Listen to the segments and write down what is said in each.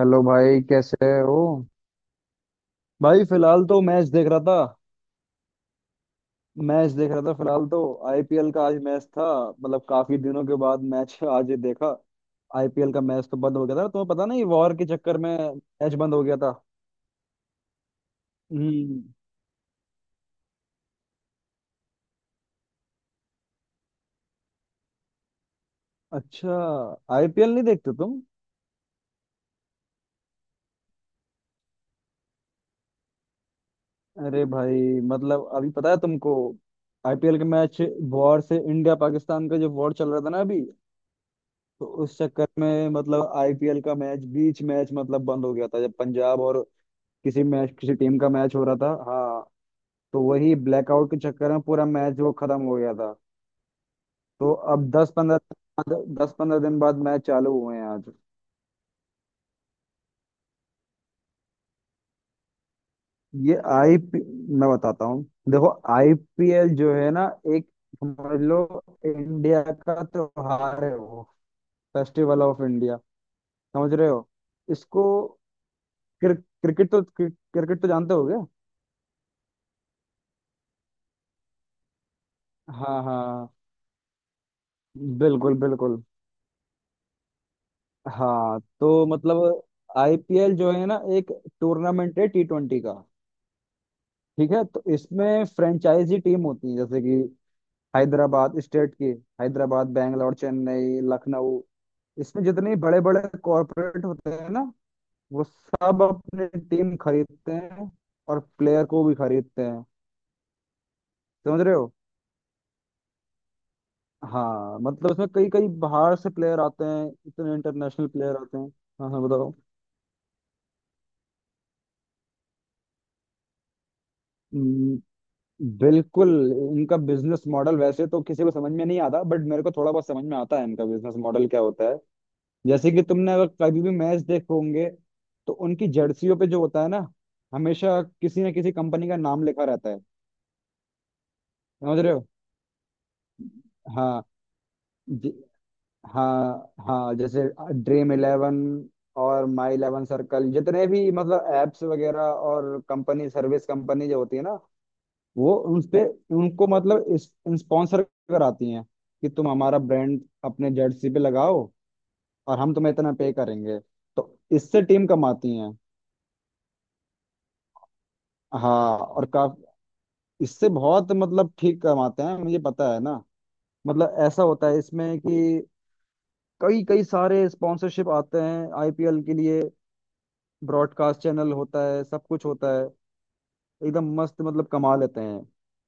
Hello भाई, कैसे हो। भाई फिलहाल तो मैच देख रहा था। मैच देख रहा था फिलहाल तो। आईपीएल का आज मैच था। मतलब काफी दिनों के बाद मैच आज देखा। आईपीएल का मैच तो बंद हो गया था, तुम्हें पता नहीं, वॉर के चक्कर में। मैच बंद हो गया था। हम्म। अच्छा। आईपीएल नहीं देखते तुम। अरे भाई मतलब अभी पता है तुमको। आईपीएल के मैच। वॉर से, इंडिया पाकिस्तान का जो वॉर चल रहा था ना अभी। तो उस चक्कर में मतलब आईपीएल का मैच बीच मैच मतलब बंद हो गया था जब पंजाब और किसी मैच किसी टीम का मैच हो रहा था। हाँ। तो वही ब्लैकआउट के चक्कर में पूरा मैच वो खत्म हो गया था। तो अब दस पंद्रह दिन बाद मैच चालू हुए हैं आज। ये आई पी, मैं बताता हूँ। देखो। आईपीएल जो है ना, एक, समझ लो, इंडिया का त्योहार है वो। Festival of India. समझ रहे हो इसको। क्रिक, क्रिकेट तो, क्रिकेट तो जानते हो क्या। हाँ हाँ हाँ। बिल्कुल बिल्कुल। हाँ तो मतलब आईपीएल जो है ना, एक टूर्नामेंट है टी ट्वेंटी का। ठीक है। तो इसमें फ्रेंचाइजी टीम होती है, जैसे कि हैदराबाद स्टेट की। हैदराबाद, बैंगलोर, चेन्नई, लखनऊ। इसमें जितने बड़े बड़े कॉरपोरेट होते हैं ना, वो सब अपनी टीम खरीदते हैं। और प्लेयर को भी खरीदते हैं। समझ रहे हो। हाँ मतलब इसमें कई कई बाहर से प्लेयर आते हैं, इतने इंटरनेशनल प्लेयर आते हैं। हाँ हाँ बताओ। हम्म, बिल्कुल। इनका बिजनेस मॉडल वैसे तो किसी को समझ में नहीं आता, बट मेरे को थोड़ा बहुत समझ में आता है इनका बिजनेस मॉडल क्या होता है। जैसे कि तुमने अगर कभी भी मैच देखे होंगे तो उनकी जर्सियों पे जो होता है ना, हमेशा किसी ना किसी कंपनी का नाम लिखा रहता है। समझ रहे हो। हाँ। ज- हाँ हाँ, जैसे ड्रीम इलेवन और माई इलेवन सर्कल, जितने भी मतलब एप्स वगैरह और कंपनी, सर्विस कंपनी जो होती है ना, वो उनपे, उनको मतलब स्पॉन्सर कराती हैं कि तुम हमारा ब्रांड अपने जर्सी पे लगाओ और हम तुम्हें इतना पे करेंगे। तो इससे टीम कमाती हैं। हाँ, और काफ इससे बहुत मतलब ठीक कमाते हैं, मुझे पता है ना। मतलब ऐसा होता है इसमें कि कई कई सारे स्पॉन्सरशिप आते हैं आईपीएल के लिए। ब्रॉडकास्ट चैनल होता है, सब कुछ होता है। एकदम मस्त मतलब कमा लेते हैं।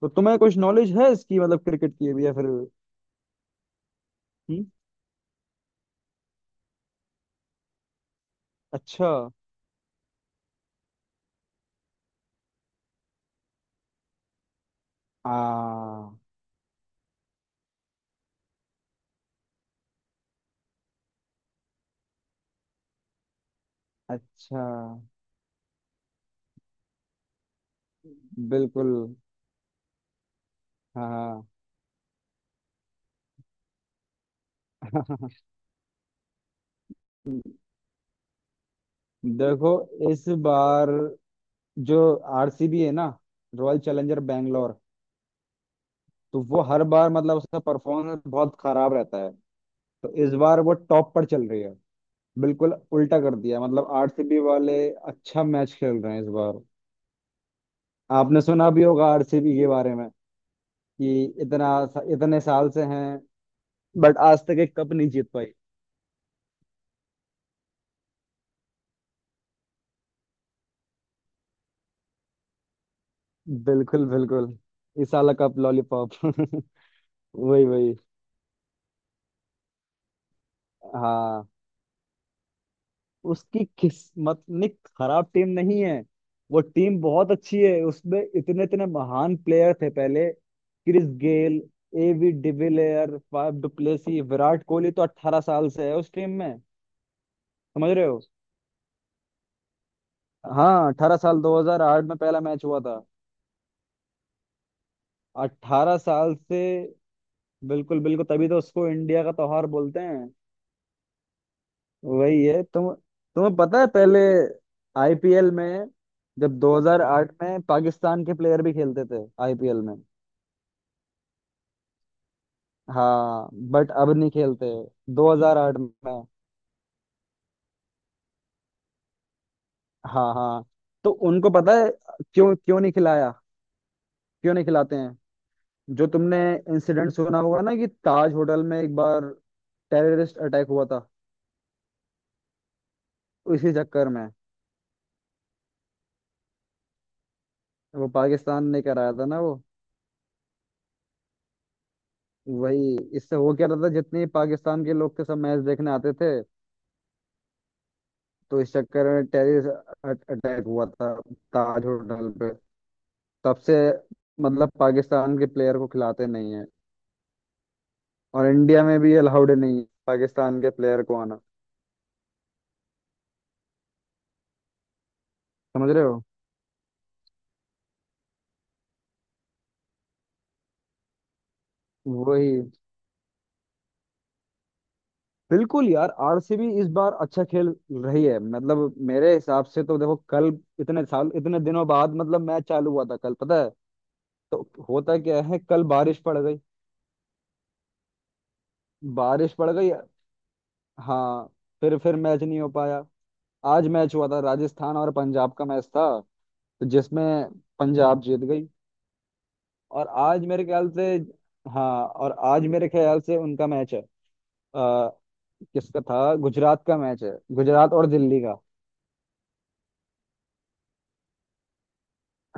तो तुम्हें कुछ नॉलेज है इसकी, मतलब क्रिकेट की भी, या फिर अच्छा। आ अच्छा, बिल्कुल। हाँ हाँ। देखो, इस बार जो आरसीबी है ना, रॉयल चैलेंजर बैंगलोर, तो वो हर बार मतलब उसका परफॉर्मेंस बहुत खराब रहता है। तो इस बार वो टॉप पर चल रही है। बिल्कुल उल्टा कर दिया मतलब आरसीबी वाले। अच्छा मैच खेल रहे हैं इस बार। आपने सुना भी होगा आरसीबी के बारे में कि इतना, इतने साल से हैं बट आज तक एक कप नहीं जीत पाई। बिल्कुल बिल्कुल। इस साल का कप लॉलीपॉप। वही वही। हाँ, उसकी किस्मत ने, खराब टीम नहीं है, वो टीम बहुत अच्छी है। उसमें इतने इतने महान प्लेयर थे पहले, Chris Gayle, A B de Villiers, Faf du Plessis, Virat Kohli तो 18 साल से है उस टीम में। समझ रहे हो। हाँ, 18 साल, 2008 में पहला मैच हुआ था। 18 साल से। बिल्कुल बिल्कुल, तभी तो उसको इंडिया का त्योहार बोलते हैं। वही है। तुम, तुम्हें पता है पहले आईपीएल में जब 2008 में पाकिस्तान के प्लेयर भी खेलते थे आईपीएल में। हाँ बट अब नहीं खेलते। 2008 में। हाँ हाँ। तो उनको पता है क्यों क्यों नहीं खिलाया। क्यों नहीं खिलाते हैं। जो तुमने इंसिडेंट सुना होगा ना कि ताज होटल में एक बार टेररिस्ट अटैक हुआ था। इसी चक्कर में। वो पाकिस्तान ने कराया था ना वो। वही। इससे हो क्या रहता, जितने पाकिस्तान के लोग थे सब मैच देखने आते थे। तो इस चक्कर में टेररिस्ट अटैक हुआ था, ताज होटल पे। तब से मतलब पाकिस्तान के प्लेयर को खिलाते नहीं है। और इंडिया में भी अलाउड नहीं है पाकिस्तान के प्लेयर को आना। समझ रहे हो। वही। बिल्कुल यार, आरसीबी इस बार अच्छा खेल रही है। मतलब मेरे हिसाब से तो देखो, कल इतने साल इतने दिनों बाद मतलब मैच चालू हुआ था कल, पता है। तो होता क्या है, कल बारिश पड़ गई। बारिश पड़ गई। हाँ। फिर मैच नहीं हो पाया। आज मैच हुआ था, राजस्थान और पंजाब का मैच था, तो जिसमें पंजाब जीत गई। और आज मेरे ख्याल से, हाँ और आज मेरे ख्याल से उनका मैच है। अ, किसका था, गुजरात का मैच है, गुजरात और दिल्ली का।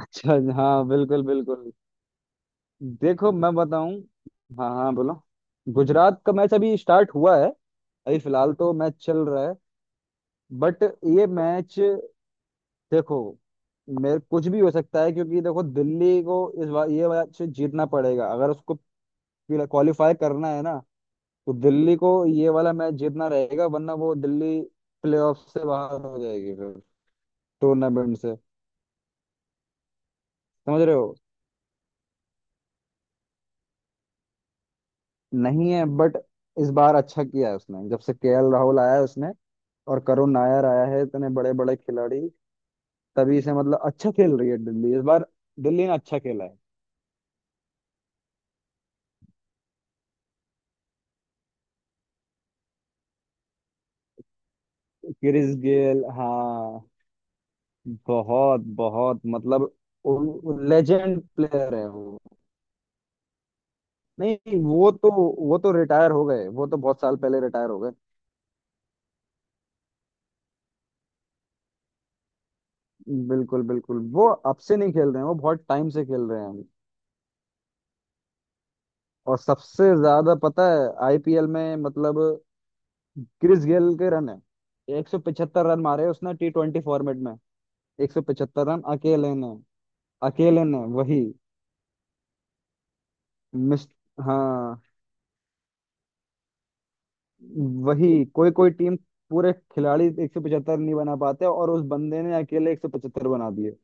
अच्छा हाँ बिल्कुल बिल्कुल। देखो मैं बताऊं। हाँ हाँ बोलो। गुजरात का मैच अभी स्टार्ट हुआ है। अभी फिलहाल तो मैच चल रहा है। बट ये मैच, देखो, मेरे कुछ भी हो सकता है क्योंकि देखो दिल्ली को इस बार ये मैच जीतना पड़ेगा अगर उसको क्वालिफाई करना है ना। तो दिल्ली को ये वाला मैच जीतना रहेगा वरना वो दिल्ली प्लेऑफ से बाहर हो जाएगी फिर, टूर्नामेंट से। समझ रहे हो। नहीं है, बट इस बार अच्छा किया है उसने, जब से केएल राहुल आया है उसने और करुण नायर आया है, इतने बड़े बड़े खिलाड़ी। तभी से मतलब अच्छा खेल रही है दिल्ली इस बार। दिल्ली ने अच्छा खेला है। क्रिस गेल, हाँ। बहुत बहुत मतलब लेजेंड प्लेयर है वो। नहीं, वो तो, वो तो रिटायर हो गए, वो तो बहुत साल पहले रिटायर हो गए। बिल्कुल बिल्कुल, वो अब से नहीं खेल रहे हैं, वो बहुत टाइम से खेल रहे हैं। और सबसे ज्यादा पता है आईपीएल में मतलब क्रिस गेल के रन है। 175 रन मारे उसने टी ट्वेंटी फॉर्मेट में। 175 रन अकेले ने। अकेले ने, वही। मिस। हाँ। वही कोई कोई टीम पूरे खिलाड़ी 175 नहीं बना पाते, और उस बंदे ने अकेले 175 बना दिए।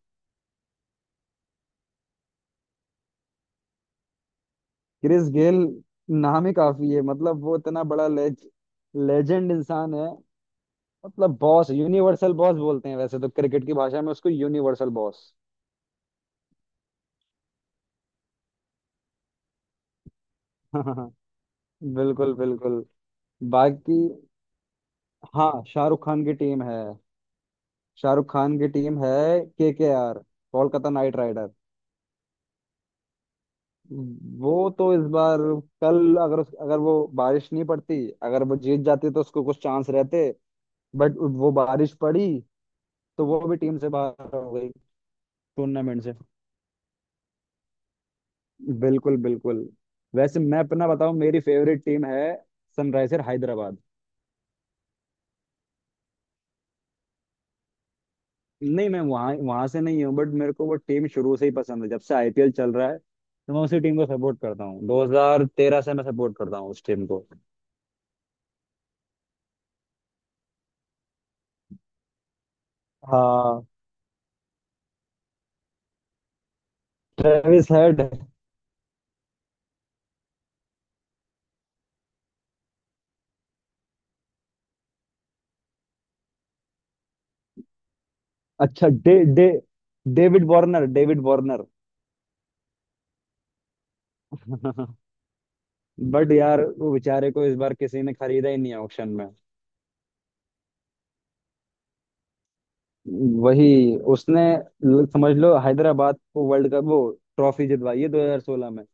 क्रिस गेल, नाम ही काफी है। मतलब वो इतना बड़ा लेजेंड इंसान है। मतलब बॉस, यूनिवर्सल बॉस बोलते हैं वैसे तो क्रिकेट की भाषा में उसको, यूनिवर्सल बॉस। बिल्कुल बिल्कुल। बाकी, हाँ, शाहरुख खान की टीम है। शाहरुख खान की टीम है। के आर, कोलकाता नाइट राइडर। वो तो इस बार, कल अगर अगर वो बारिश नहीं पड़ती, अगर वो जीत जाती तो उसको कुछ चांस रहते। बट वो बारिश पड़ी। तो वो भी टीम से बाहर हो गई, टूर्नामेंट से। बिल्कुल बिल्कुल। वैसे मैं अपना बताऊं, मेरी फेवरेट टीम है सनराइजर हैदराबाद। नहीं, मैं वहां वहां से नहीं हूँ, बट मेरे को वो टीम शुरू से ही पसंद है, जब से आईपीएल चल रहा है तो मैं उसी टीम को सपोर्ट करता हूँ, 2013 से मैं सपोर्ट करता हूँ उस टीम को। हाँ। Travis Head. अच्छा डे डे David Warner, David Warner. But यार वो बेचारे को इस बार किसी ने खरीदा ही नहीं है ऑक्शन में। वही उसने समझ लो, हैदराबाद को वर्ल्ड कप वो ट्रॉफी जितवाई है 2016 में।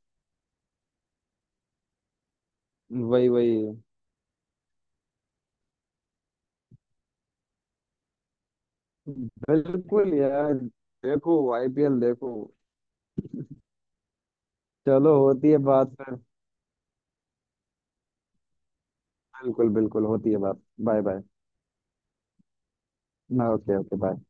वही वही। बिल्कुल यार। देखो, आईपीएल देखो। चलो, होती है बात फिर। बिल्कुल बिल्कुल, होती है बात। Bye bye. हाँ, ओके ओके, बाय।